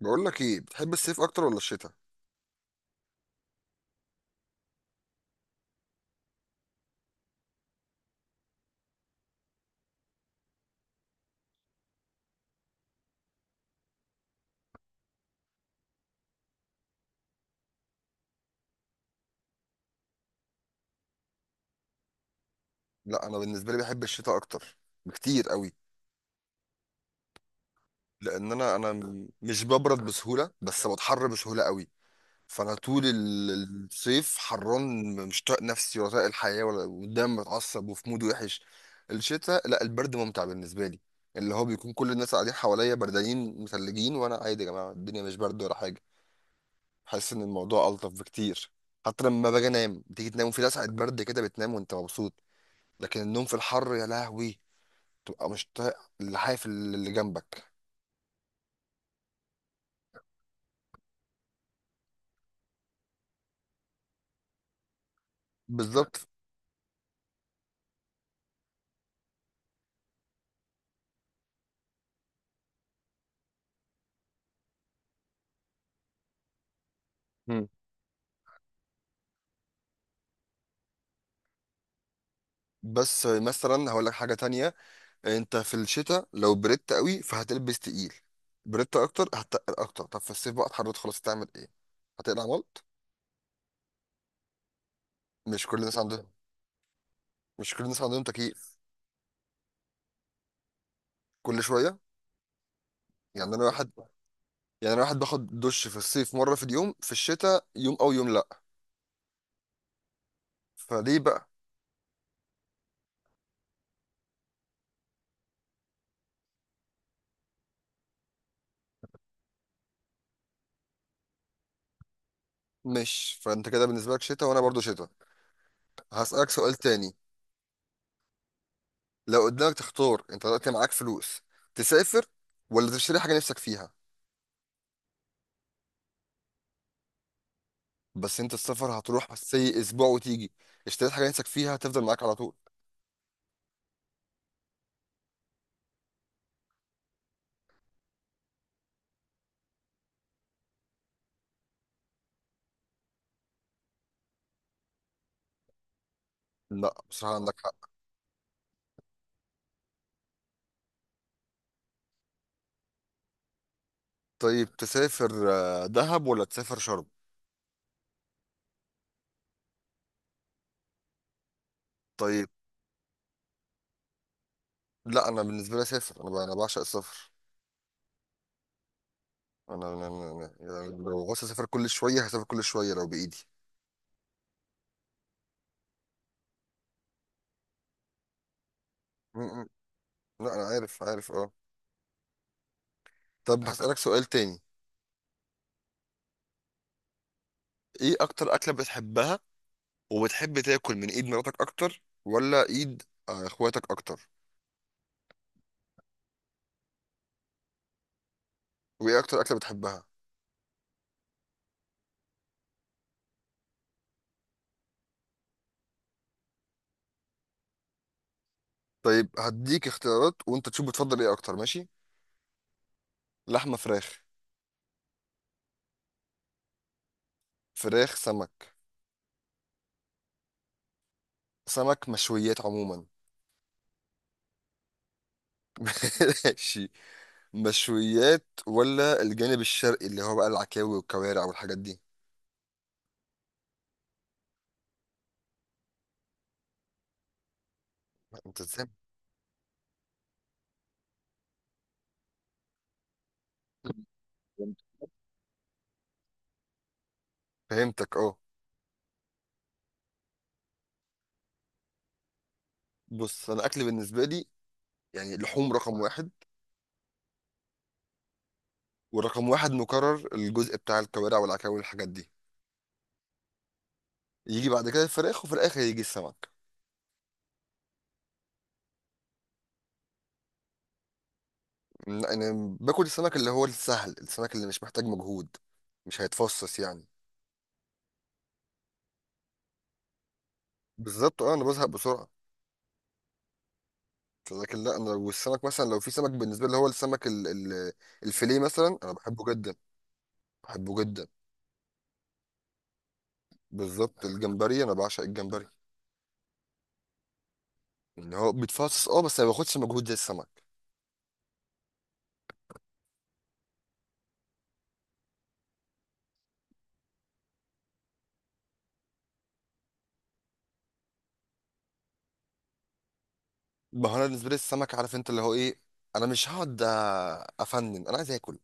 بقول لك ايه بتحب الصيف اكتر ولا الشتاء؟ لا، انا بالنسبه لي بحب الشتاء اكتر بكتير قوي. لان انا مش ببرد بسهوله بس بتحر بسهوله قوي. فانا طول الصيف حران، مش طايق نفسي ولا طايق الحياه ولا قدام، متعصب وفي مود وحش. الشتاء لا، البرد ممتع بالنسبه لي. اللي هو بيكون كل الناس قاعدين حواليا بردانين مثلجين وانا عادي، يا جماعه الدنيا مش برد ولا حاجه. بحس ان الموضوع الطف بكتير. حتى لما باجي انام، بتيجي تنام وفي لسعة برد كده، بتنام وانت مبسوط. لكن النوم في الحر يا لهوي، تبقى مش طايق اللحاف اللي جنبك. بالظبط. مم. بس مثلا هقول لك حاجة تانية. انت في الشتاء لو بردت قوي فهتلبس تقيل، بردت اكتر هتتقل اكتر. طب في الصيف بقى اتحررت خلاص، تعمل ايه؟ هتقلع ملط؟ مش كل الناس عندهم. مش كل الناس عندهم تكييف. كل شوية. يعني انا واحد. يعني انا واحد باخد دش في الصيف مرة في اليوم، في الشتاء يوم او يوم لا. فليه بقى؟ مش فانت كده بالنسبة لك شتاء وانا برضو شتاء. هسألك سؤال تاني. لو قدامك تختار، انت دلوقتي معاك فلوس، تسافر ولا تشتري حاجه نفسك فيها؟ بس انت السفر هتروح بس ايه، اسبوع وتيجي. اشتريت حاجه نفسك فيها هتفضل معاك على طول. لا بصراحه عندك حق. طيب تسافر دهب ولا تسافر شرم؟ طيب. لا انا بالنسبه لي اسافر، انا بعشق السفر. يعني لو عاوز اسافر كل شويه هسافر كل شويه لو بايدي. م. لا انا عارف عارف اه. طب هسالك سؤال تاني. ايه اكتر اكله بتحبها؟ وبتحب تاكل من ايد مراتك اكتر ولا ايد اخواتك اكتر؟ وايه اكتر اكله بتحبها؟ طيب هديك اختيارات وانت تشوف بتفضل ايه اكتر، ماشي؟ لحمه فراخ؟ فراخ سمك؟ سمك مشويات عموما؟ ماشي. مشويات ولا الجانب الشرقي اللي هو بقى العكاوي والكوارع والحاجات دي؟ انت ازاي؟ فهمتك اه. بص انا اكل بالنسبه لي، يعني لحوم رقم واحد. ورقم واحد مكرر الجزء بتاع الكوارع والعكاوي والحاجات دي. يجي بعد كده الفراخ وفي الاخر يجي السمك. انا باكل السمك اللي هو السهل، السمك اللي مش محتاج مجهود، مش هيتفصص يعني. بالظبط اه، انا بزهق بسرعه. لكن لا، انا لو السمك مثلا، لو في سمك بالنسبه لي هو السمك ال الفيليه مثلا، انا بحبه جدا. بحبه جدا. بالظبط. الجمبري، انا بعشق الجمبري. ان هو بيتفصص اه بس ما باخدش مجهود زي السمك. ما هو انا بالنسبه لي السمك، عارف انت اللي هو ايه، انا مش هقعد افنن، انا عايز اكل.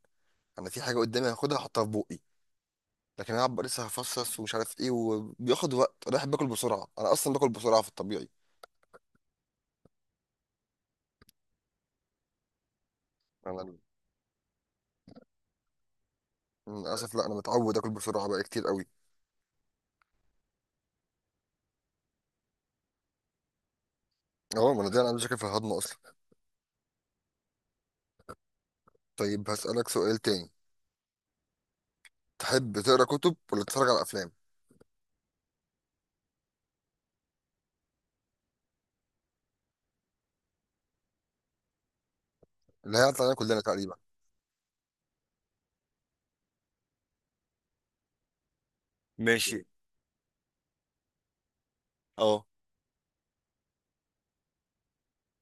انا في حاجه قدامي هاخدها احطها في بقي. لكن انا أبقى لسه هفصص ومش عارف ايه وبياخد وقت. انا بحب اكل بسرعه، انا اصلا باكل بسرعه في الطبيعي. انا للاسف لا، انا متعود اكل بسرعه بقى كتير قوي. اه ما انا دي، انا عندي مشاكل في الهضم اصلا. طيب هسالك سؤال تاني. تحب تقرا كتب ولا تتفرج على افلام؟ اللي هي علينا كلنا تقريبا. ماشي. اه.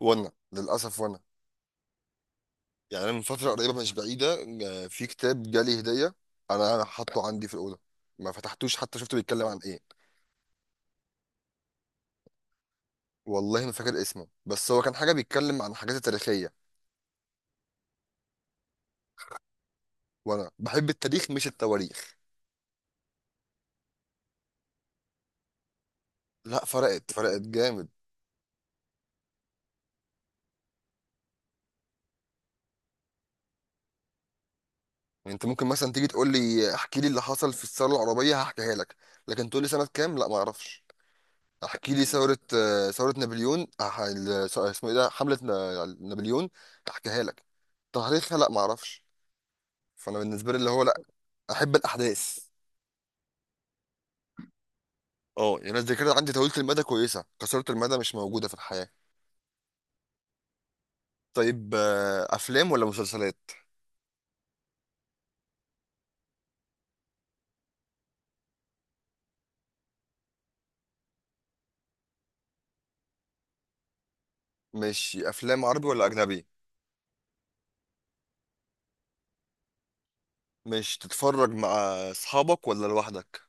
وانا للاسف، وانا يعني أنا من فتره قريبه مش بعيده، في كتاب جالي هديه، انا حاطه عندي في الاوضه، ما فتحتوش حتى، شفته بيتكلم عن ايه. والله ما فاكر اسمه، بس هو كان حاجه بيتكلم عن حاجات تاريخيه. وانا بحب التاريخ مش التواريخ. لا فرقت فرقت جامد. يعني انت ممكن مثلا تيجي تقول لي احكي لي اللي حصل في الثوره العربيه، هحكيها لك. لكن تقول لي سنه كام، لا ما اعرفش. احكي لي ثوره ثوره نابليون، اسمه ايه ده، حمله نابليون، احكيها لك. تاريخها لا ما اعرفش. فانا بالنسبه لي اللي هو، لا، احب الاحداث. اه يعني أنا الذاكره عندي طويله المدى كويسه، قصيره المدى مش موجوده في الحياه. طيب افلام ولا مسلسلات؟ مش افلام عربي ولا اجنبي؟ مش تتفرج مع اصحابك ولا لوحدك؟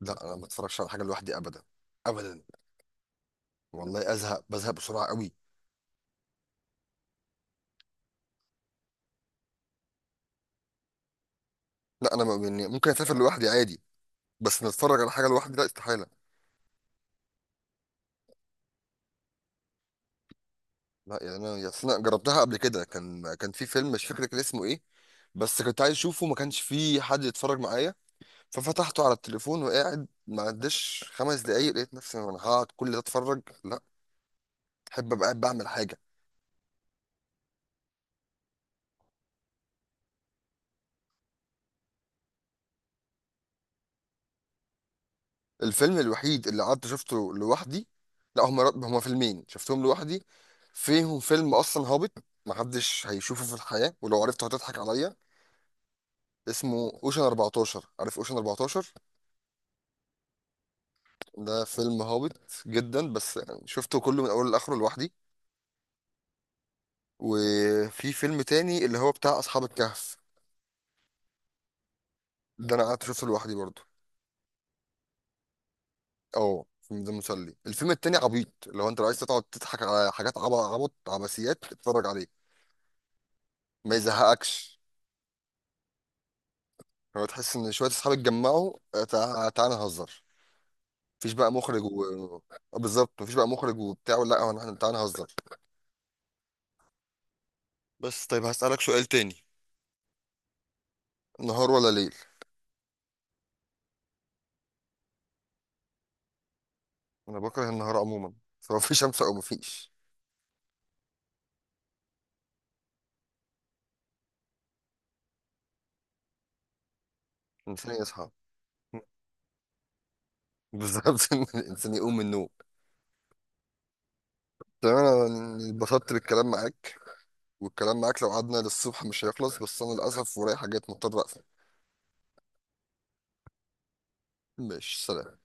لا انا ما اتفرجش على حاجه لوحدي ابدا. ابدا. والله ازهق، بزهق بسرعه قوي. لا يعني ممكن اسافر لوحدي عادي. بس نتفرج على حاجه لوحدي لا استحاله. لا يعني انا، يا أصل انا جربتها قبل كده، كان في فيلم مش فاكر كان اسمه ايه، بس كنت عايز اشوفه ما كانش في حد يتفرج معايا. ففتحته على التليفون وقاعد، ما عداش 5 دقايق لقيت نفسي انا هقعد كل ده اتفرج؟ لا، احب ابقى قاعد بعمل حاجه. الفيلم الوحيد اللي قعدت شفته لوحدي، لا هما فيلمين شفتهم لوحدي. فيهم فيلم اصلا هابط، محدش هيشوفه في الحياة، ولو عرفته هتضحك عليا. اسمه اوشن 14، عارف اوشن 14؟ ده فيلم هابط جدا بس يعني شفته كله من اوله لاخره لوحدي. وفي فيلم تاني اللي هو بتاع اصحاب الكهف، ده انا قعدت شفته لوحدي برضه. اه الفيلم ده مسلي، الفيلم التاني عبيط. لو عايز تقعد تضحك على حاجات عبط عبط، عبثيات، اتفرج عليه ما يزهقكش. هو تحس ان شويه اصحاب اتجمعوا، تعالى نهزر، مفيش بقى مخرج و آه، بالظبط، مفيش بقى مخرج وبتاع، لا هو احنا تعالى نهزر. بس طيب هسألك سؤال تاني. نهار ولا ليل؟ انا بكره النهار عموما، سواء في شمس او مفيش. الانسان يصحى. بالظبط، ان الانسان يقوم من النوم. تمام انا اتبسطت بالكلام معاك، والكلام معاك لو قعدنا للصبح مش هيخلص، بس انا للاسف ورايا حاجات مضطر اقفل. ماشي، سلام.